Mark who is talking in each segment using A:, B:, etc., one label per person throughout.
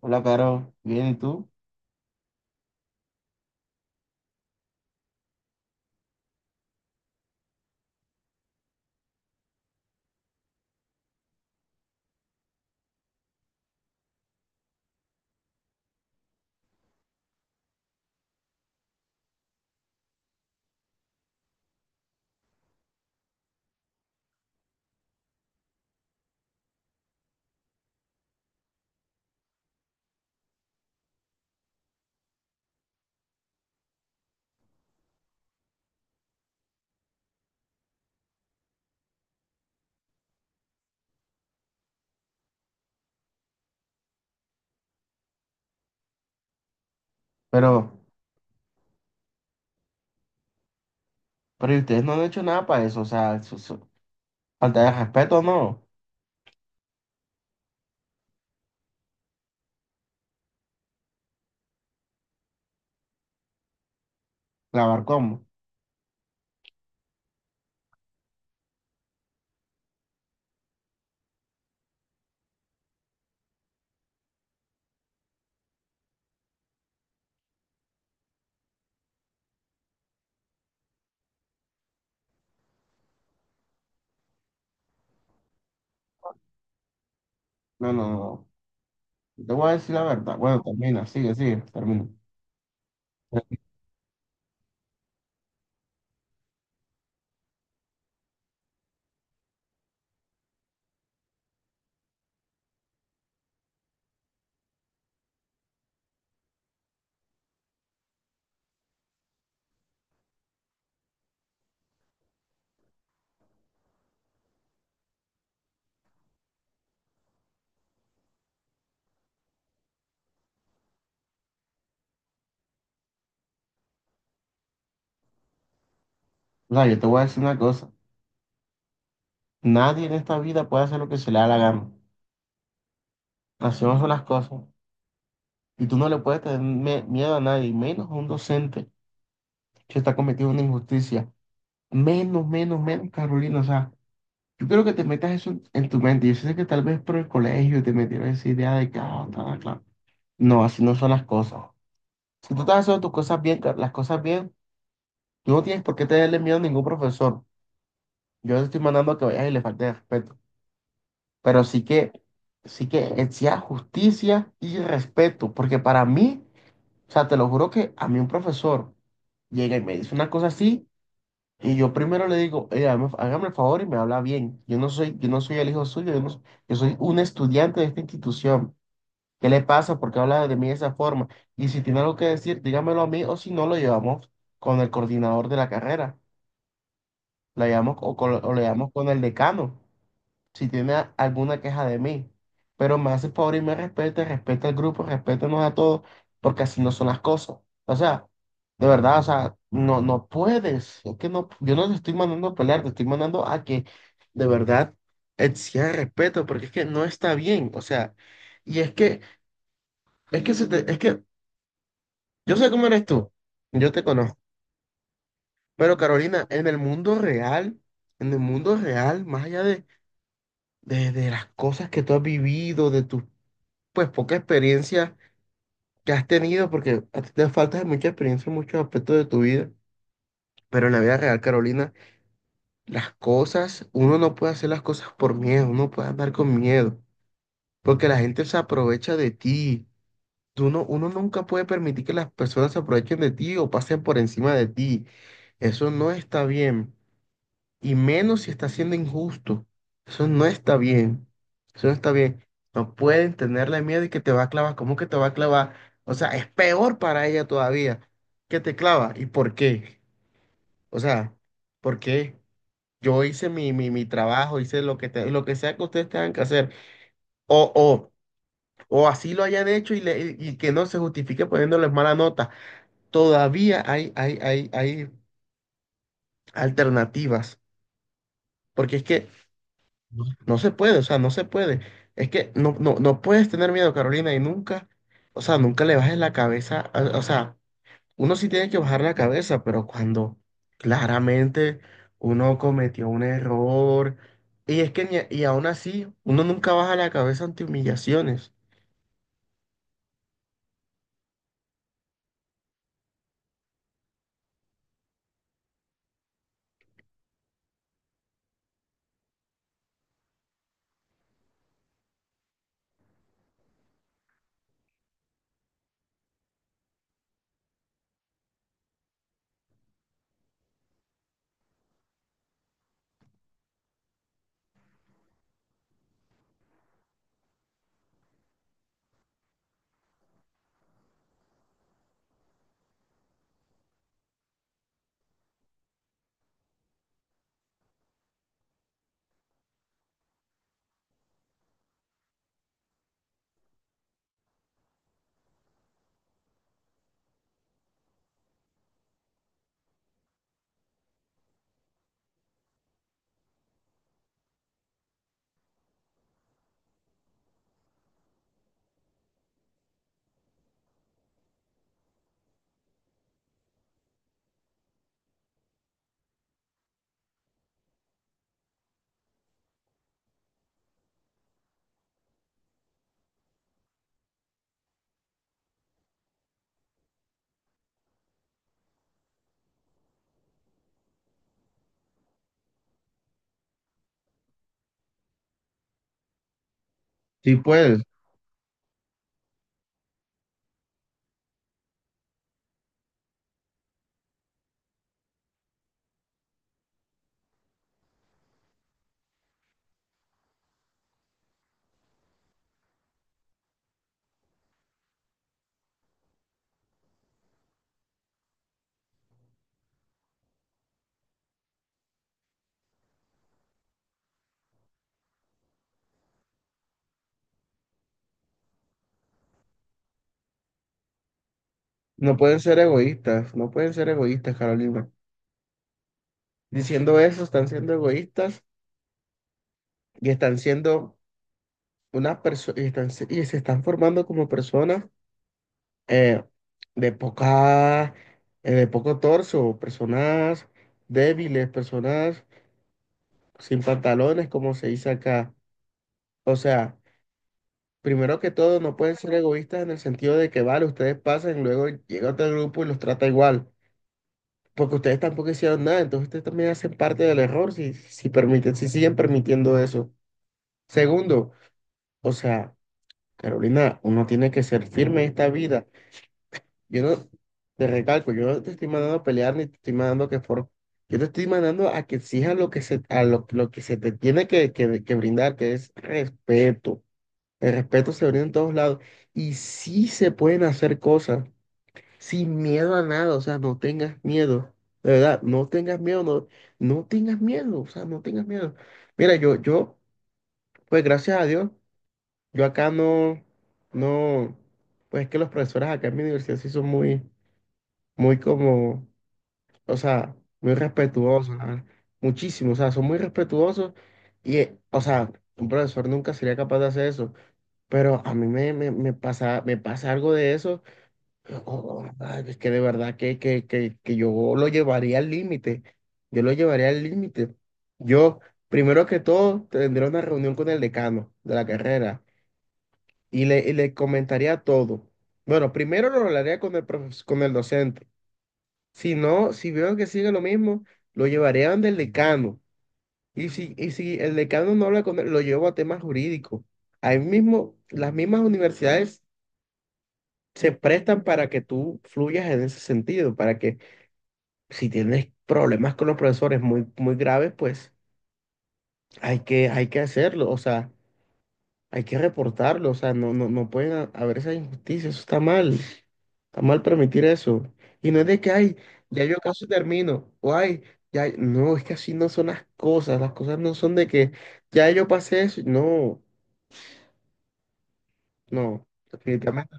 A: Hola, Caro. Bien, ¿y tú? Pero, pero ¿y ustedes no han hecho nada para eso? O sea, falta de respeto, ¿no? ¿Lavar cómo? No, no, no. Yo te voy a decir la verdad. Bueno, termina, sigue, sigue, termina. O sea, yo te voy a decir una cosa. Nadie en esta vida puede hacer lo que se le da la gana. Hacemos son las cosas. Y tú no le puedes tener miedo a nadie, menos a un docente que está cometiendo una injusticia. Menos, menos, menos, Carolina. O sea, yo quiero que te metas eso en tu mente. Yo sé que tal vez por el colegio te metieron esa idea de que, ah, ta, claro. No, así no son las cosas. Si tú estás haciendo tus cosas bien, las cosas bien, tú no tienes por qué tenerle miedo a ningún profesor. Yo te estoy mandando a que vayas y le falte el respeto. Pero sí que exija justicia y respeto. Porque para mí, o sea, te lo juro que a mí un profesor llega y me dice una cosa así. Y yo primero le digo, hágame el favor y me habla bien. Yo no soy el hijo suyo, yo, no s- yo soy un estudiante de esta institución. ¿Qué le pasa? ¿Por qué habla de mí de esa forma? Y si tiene algo que decir, dígamelo a mí o si no, lo llevamos con el coordinador de la carrera, lo llevamos, o, o lo llevamos con el decano si tiene alguna queja de mí. Pero me hace el favor y me respete, respeta al grupo, respétenos a todos, porque así no son las cosas. O sea, de verdad, o sea, no, no puedes. Es que no, yo no te estoy mandando a pelear, te estoy mandando a que de verdad exija respeto, porque es que no está bien. O sea, y es que, es que yo sé cómo eres tú, yo te conozco. Pero Carolina, en el mundo real, más allá de, de las cosas que tú has vivido, de tus pues poca experiencia que has tenido, porque a ti te falta mucha experiencia en muchos aspectos de tu vida. Pero en la vida real, Carolina, las cosas, uno no puede hacer las cosas por miedo, uno puede andar con miedo, porque la gente se aprovecha de ti. Tú no- Uno nunca puede permitir que las personas se aprovechen de ti o pasen por encima de ti. Eso no está bien. Y menos si está siendo injusto. Eso no está bien. Eso no está bien. No pueden tenerle miedo y que te va a clavar. ¿Cómo que te va a clavar? O sea, es peor para ella todavía que te clava. ¿Y por qué? O sea, ¿por qué? Yo hice mi trabajo, hice lo que, lo que sea que ustedes tengan que hacer. O, o, o así lo hayan hecho y, y que no se justifique poniéndoles mala nota. Todavía hay alternativas. Porque es que no no se puede, o sea, no se puede. Es que no, no, no puedes tener miedo, Carolina, y nunca, o sea, nunca le bajes la cabeza. O sea, uno sí tiene que bajar la cabeza, pero cuando claramente uno cometió un error, y es que, y aún así, uno nunca baja la cabeza ante humillaciones. Sí puedes, no pueden ser egoístas, Carolina. Diciendo eso, están siendo egoístas y están siendo unas personas, y, y se están formando como personas eh, de poca, de poco torso, personas débiles, personas sin pantalones, como se dice acá. O sea, primero que todo, no pueden ser egoístas en el sentido de que, vale, ustedes pasan, luego llega otro grupo y los trata igual, porque ustedes tampoco hicieron nada, entonces ustedes también hacen parte del error si, si permiten, si siguen permitiendo eso. Segundo, o sea, Carolina, uno tiene que ser firme en esta vida. Yo no, te recalco, yo no te estoy mandando a pelear ni te estoy mandando yo te estoy mandando a que exijas lo que se, a lo que se te tiene que, que brindar, que es respeto. El respeto se brinda en todos lados. Y sí se pueden hacer cosas sin miedo a nada, o sea, no tengas miedo. De verdad, no tengas miedo, no, no tengas miedo, o sea, no tengas miedo. Mira, pues gracias a Dios, yo acá no, no, pues es que los profesores acá en mi universidad sí son muy, muy como o sea, muy respetuosos, la verdad, muchísimo, o sea, son muy respetuosos y, o sea, un profesor nunca sería capaz de hacer eso, pero a mí me pasa, me pasa algo de eso, o- o, ay, es que de verdad que, que yo lo llevaría al límite, yo lo llevaría al límite. Yo, primero que todo, tendría una reunión con el decano de la carrera y le comentaría todo. Bueno, primero lo hablaría con el con el docente. Si no, si veo que sigue lo mismo, lo llevaré a donde el decano. Y si el decano no habla con él, lo llevo a temas jurídicos. Ahí mismo, las mismas universidades se prestan para que tú fluyas en ese sentido, para que si tienes problemas con los profesores muy, muy graves, pues hay que hacerlo. O sea, hay que reportarlo, o sea, no, no, no pueden haber esa injusticia, eso está mal permitir eso. Y no es de que, ay, ya yo casi termino, o ay, ya, no, es que así no son las cosas no son de que ya yo pasé eso, no, no, definitivamente.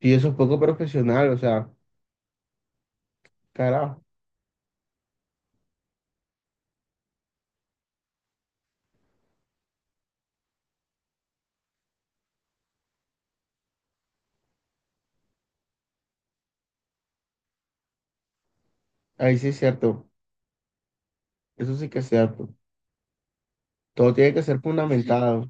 A: Y eso es poco profesional, o sea, carajo, ahí sí es cierto, eso sí que es cierto. Todo tiene que ser fundamentado,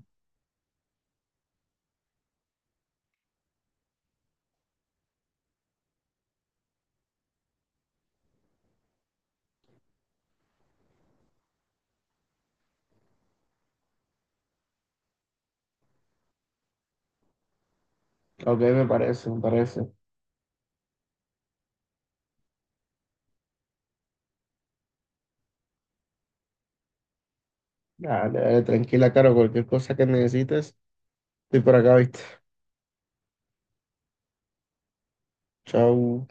A: ok, me parece, me parece. Dale, dale, tranquila, Caro, cualquier cosa que necesites, estoy por acá, ¿viste? Chau.